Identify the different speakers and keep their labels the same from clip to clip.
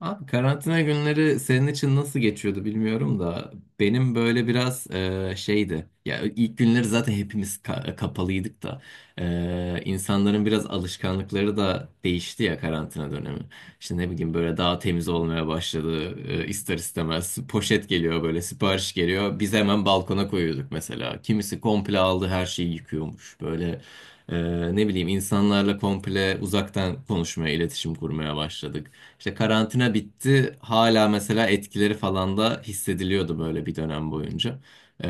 Speaker 1: Abi karantina günleri senin için nasıl geçiyordu bilmiyorum da benim böyle biraz şeydi. Ya ilk günleri zaten hepimiz kapalıydık da insanların biraz alışkanlıkları da değişti ya karantina dönemi. İşte ne bileyim böyle daha temiz olmaya başladı, ister istemez. Poşet geliyor, böyle sipariş geliyor. Biz hemen balkona koyuyorduk mesela. Kimisi komple aldı, her şeyi yıkıyormuş böyle. e, Ne bileyim, insanlarla komple uzaktan konuşmaya, iletişim kurmaya başladık. İşte karantina bitti. Hala mesela etkileri falan da hissediliyordu böyle bir dönem boyunca. Ee,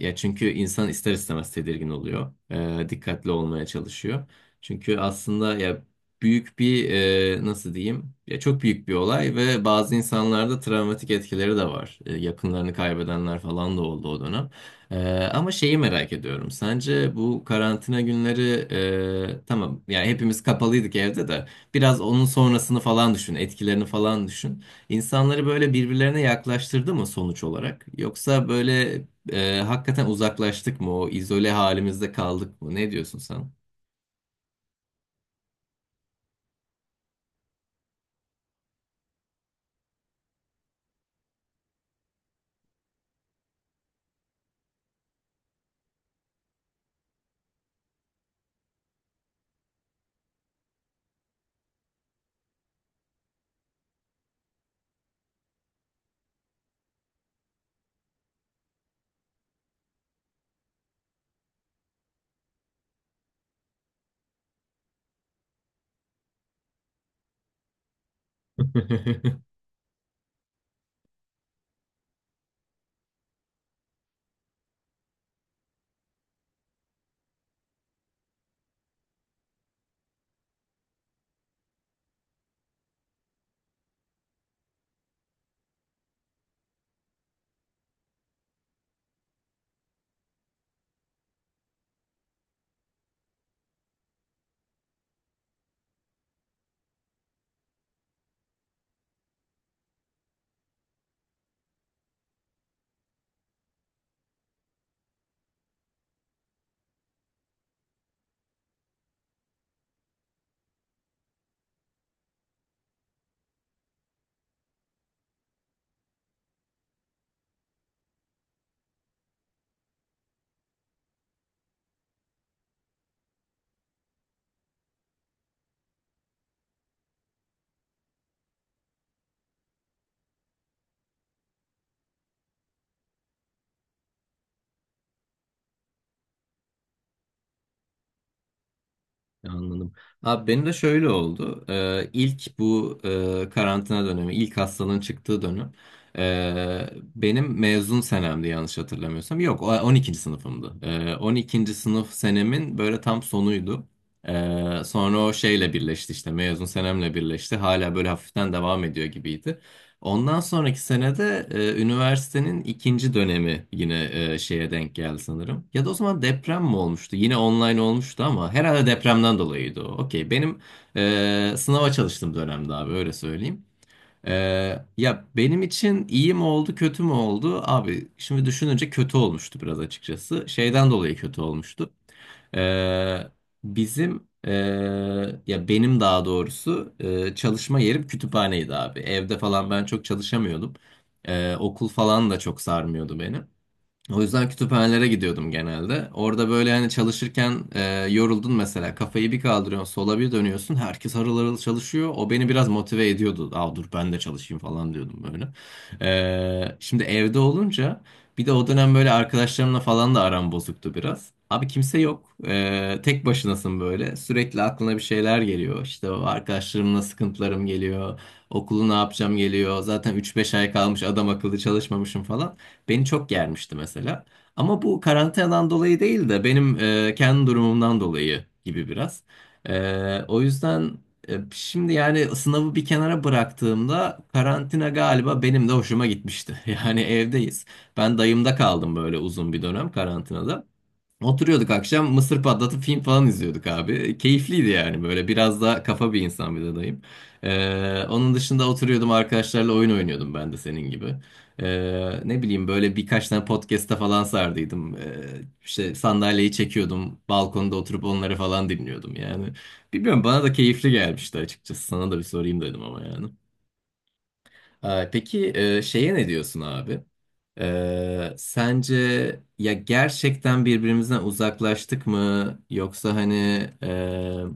Speaker 1: ya çünkü insan ister istemez tedirgin oluyor. Dikkatli olmaya çalışıyor. Çünkü aslında ya büyük bir, nasıl diyeyim? Ya çok büyük bir olay ve bazı insanlarda travmatik etkileri de var. Yakınlarını kaybedenler falan da oldu o dönem. Ee, ama şeyi merak ediyorum. Sence bu karantina günleri, tamam yani hepimiz kapalıydık evde de. Biraz onun sonrasını falan düşün, etkilerini falan düşün. İnsanları böyle birbirlerine yaklaştırdı mı sonuç olarak? Yoksa böyle hakikaten uzaklaştık mı? O izole halimizde kaldık mı? Ne diyorsun sen? Anladım. Abi benim de şöyle oldu. İlk bu karantina dönemi, ilk hastanın çıktığı dönem, e, benim mezun senemdi yanlış hatırlamıyorsam. Yok, o 12. sınıfımdı. E, 12. sınıf senemin böyle tam sonuydu. Sonra o şeyle birleşti, işte mezun senemle birleşti. Hala böyle hafiften devam ediyor gibiydi. Ondan sonraki senede üniversitenin ikinci dönemi yine şeye denk geldi sanırım. Ya da o zaman deprem mi olmuştu? Yine online olmuştu ama herhalde depremden dolayıydı o. Okey. Benim sınava çalıştığım dönemde abi, öyle söyleyeyim. E, ya benim için iyi mi oldu kötü mü oldu? Abi şimdi düşününce kötü olmuştu biraz, açıkçası. Şeyden dolayı kötü olmuştu. Ee, bizim ya benim daha doğrusu, çalışma yerim kütüphaneydi abi. Evde falan ben çok çalışamıyordum. Okul falan da çok sarmıyordu beni. O yüzden kütüphanelere gidiyordum genelde. Orada böyle hani çalışırken, yoruldun mesela. Kafayı bir kaldırıyorsun, sola bir dönüyorsun. Herkes harıl harıl çalışıyor. O beni biraz motive ediyordu. Aa dur ben de çalışayım falan diyordum böyle. Şimdi evde olunca, bir de o dönem böyle arkadaşlarımla falan da aram bozuktu biraz. Abi kimse yok. Tek başınasın böyle. Sürekli aklına bir şeyler geliyor. İşte o arkadaşlarımla sıkıntılarım geliyor. Okulu ne yapacağım geliyor. Zaten üç beş ay kalmış, adam akıllı çalışmamışım falan. Beni çok germişti mesela. Ama bu karantinadan dolayı değil de benim kendi durumumdan dolayı gibi biraz. E, o yüzden şimdi yani sınavı bir kenara bıraktığımda karantina galiba benim de hoşuma gitmişti. Yani evdeyiz. Ben dayımda kaldım böyle uzun bir dönem karantinada. Oturuyorduk akşam mısır patlatıp film falan izliyorduk abi. Keyifliydi yani böyle, biraz daha kafa bir insan, bir de dayım. Onun dışında oturuyordum, arkadaşlarla oyun oynuyordum ben de senin gibi. Ne bileyim böyle birkaç tane podcastta falan sardıydım. İşte sandalyeyi çekiyordum, balkonda oturup onları falan dinliyordum yani. Bilmiyorum, bana da keyifli gelmişti açıkçası, sana da bir sorayım dedim ama yani. Peki, şeye ne diyorsun abi? Sence ya gerçekten birbirimizden uzaklaştık mı? Yoksa hani e,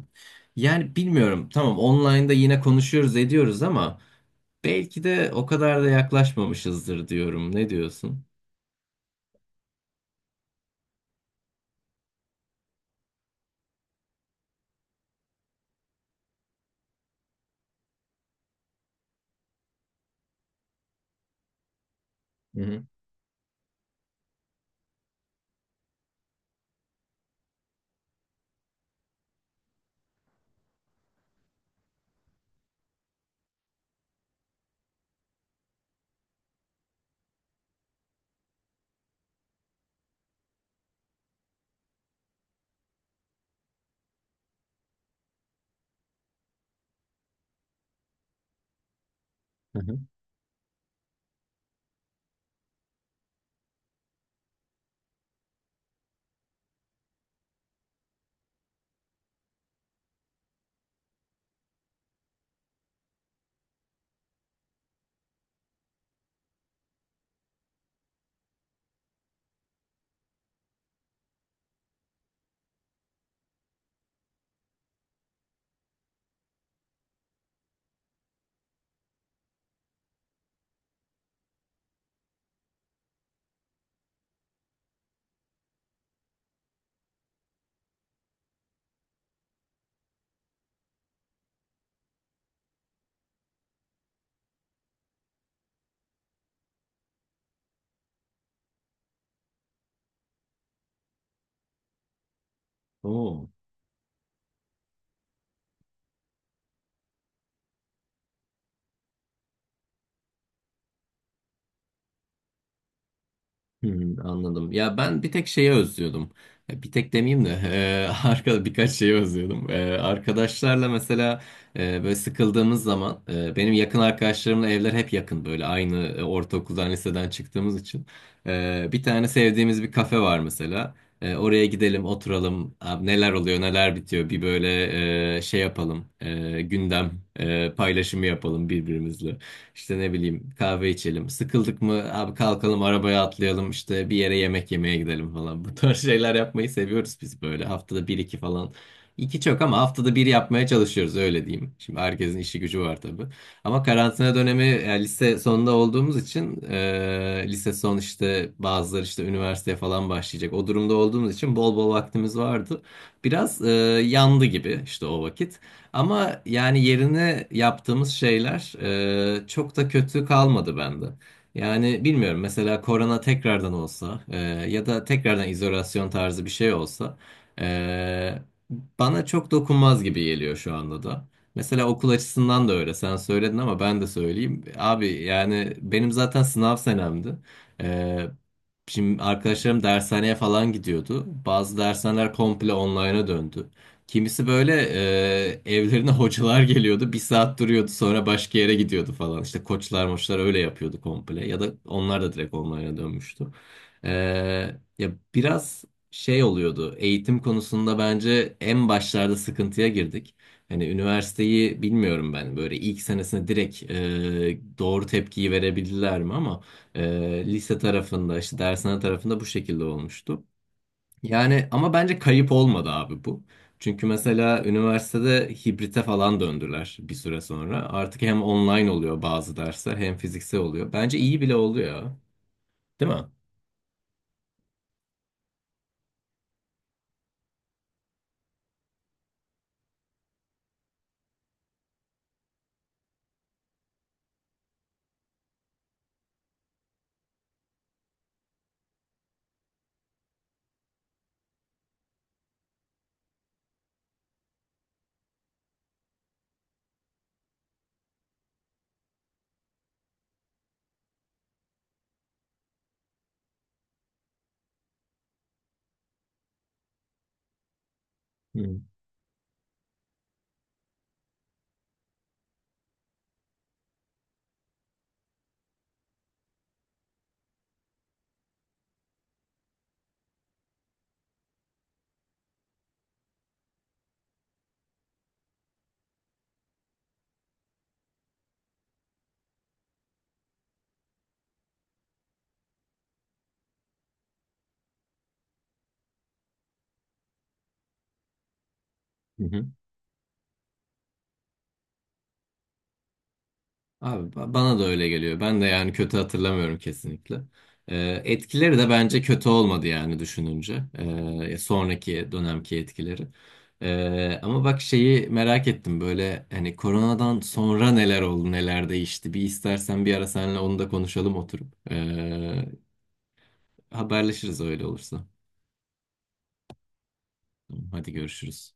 Speaker 1: yani bilmiyorum. Tamam, online'da yine konuşuyoruz ediyoruz ama belki de o kadar da yaklaşmamışızdır diyorum. Ne diyorsun? Hı hı. Hı hı. Oo. Hmm, anladım. Ya ben bir tek şeyi özlüyordum. Ya bir tek demeyeyim de arkada birkaç şeyi özlüyordum. Arkadaşlarla mesela, böyle sıkıldığımız zaman, benim yakın arkadaşlarımla evler hep yakın böyle, aynı ortaokuldan liseden çıktığımız için. Bir tane sevdiğimiz bir kafe var mesela. Oraya gidelim oturalım. Abi neler oluyor neler bitiyor, bir böyle şey yapalım. Gündem, paylaşımı yapalım birbirimizle. İşte ne bileyim, kahve içelim. Sıkıldık mı abi, kalkalım arabaya atlayalım işte bir yere yemek yemeye gidelim falan. Bu tarz şeyler yapmayı seviyoruz biz böyle. Haftada bir iki falan. İki çok ama haftada bir yapmaya çalışıyoruz, öyle diyeyim. Şimdi herkesin işi gücü var tabii. Ama karantina dönemi yani lise sonunda olduğumuz için, lise son işte, bazıları işte üniversiteye falan başlayacak. O durumda olduğumuz için bol bol vaktimiz vardı. Biraz yandı gibi işte o vakit. Ama yani yerine yaptığımız şeyler çok da kötü kalmadı bende. Yani bilmiyorum, mesela korona tekrardan olsa, ya da tekrardan izolasyon tarzı bir şey olsa, e, bana çok dokunmaz gibi geliyor şu anda da. Mesela okul açısından da öyle. Sen söyledin ama ben de söyleyeyim. Abi yani benim zaten sınav senemdi. E, Şimdi arkadaşlarım dershaneye falan gidiyordu. Bazı dershaneler komple online'a döndü. Kimisi böyle evlerine hocalar geliyordu. Bir saat duruyordu, sonra başka yere gidiyordu falan. İşte koçlar moçlar öyle yapıyordu komple. Ya da onlar da direkt online'a dönmüştü. E, ya biraz şey oluyordu. Eğitim konusunda bence en başlarda sıkıntıya girdik. Hani üniversiteyi bilmiyorum, ben böyle ilk senesine direkt doğru tepkiyi verebildiler mi, ama e, lise tarafında işte dershane tarafında bu şekilde olmuştu. Yani ama bence kayıp olmadı abi bu. Çünkü mesela üniversitede hibrite falan döndüler bir süre sonra. Artık hem online oluyor bazı dersler hem fiziksel oluyor. Bence iyi bile oluyor. Değil mi? Hı hı. Abi bana da öyle geliyor. Ben de yani kötü hatırlamıyorum kesinlikle. Etkileri de bence kötü olmadı yani düşününce. Sonraki dönemki etkileri. Ama bak şeyi merak ettim böyle, hani koronadan sonra neler oldu neler değişti. Bir istersen bir ara seninle onu da konuşalım oturup. Haberleşiriz öyle olursa. Tamam, hadi görüşürüz.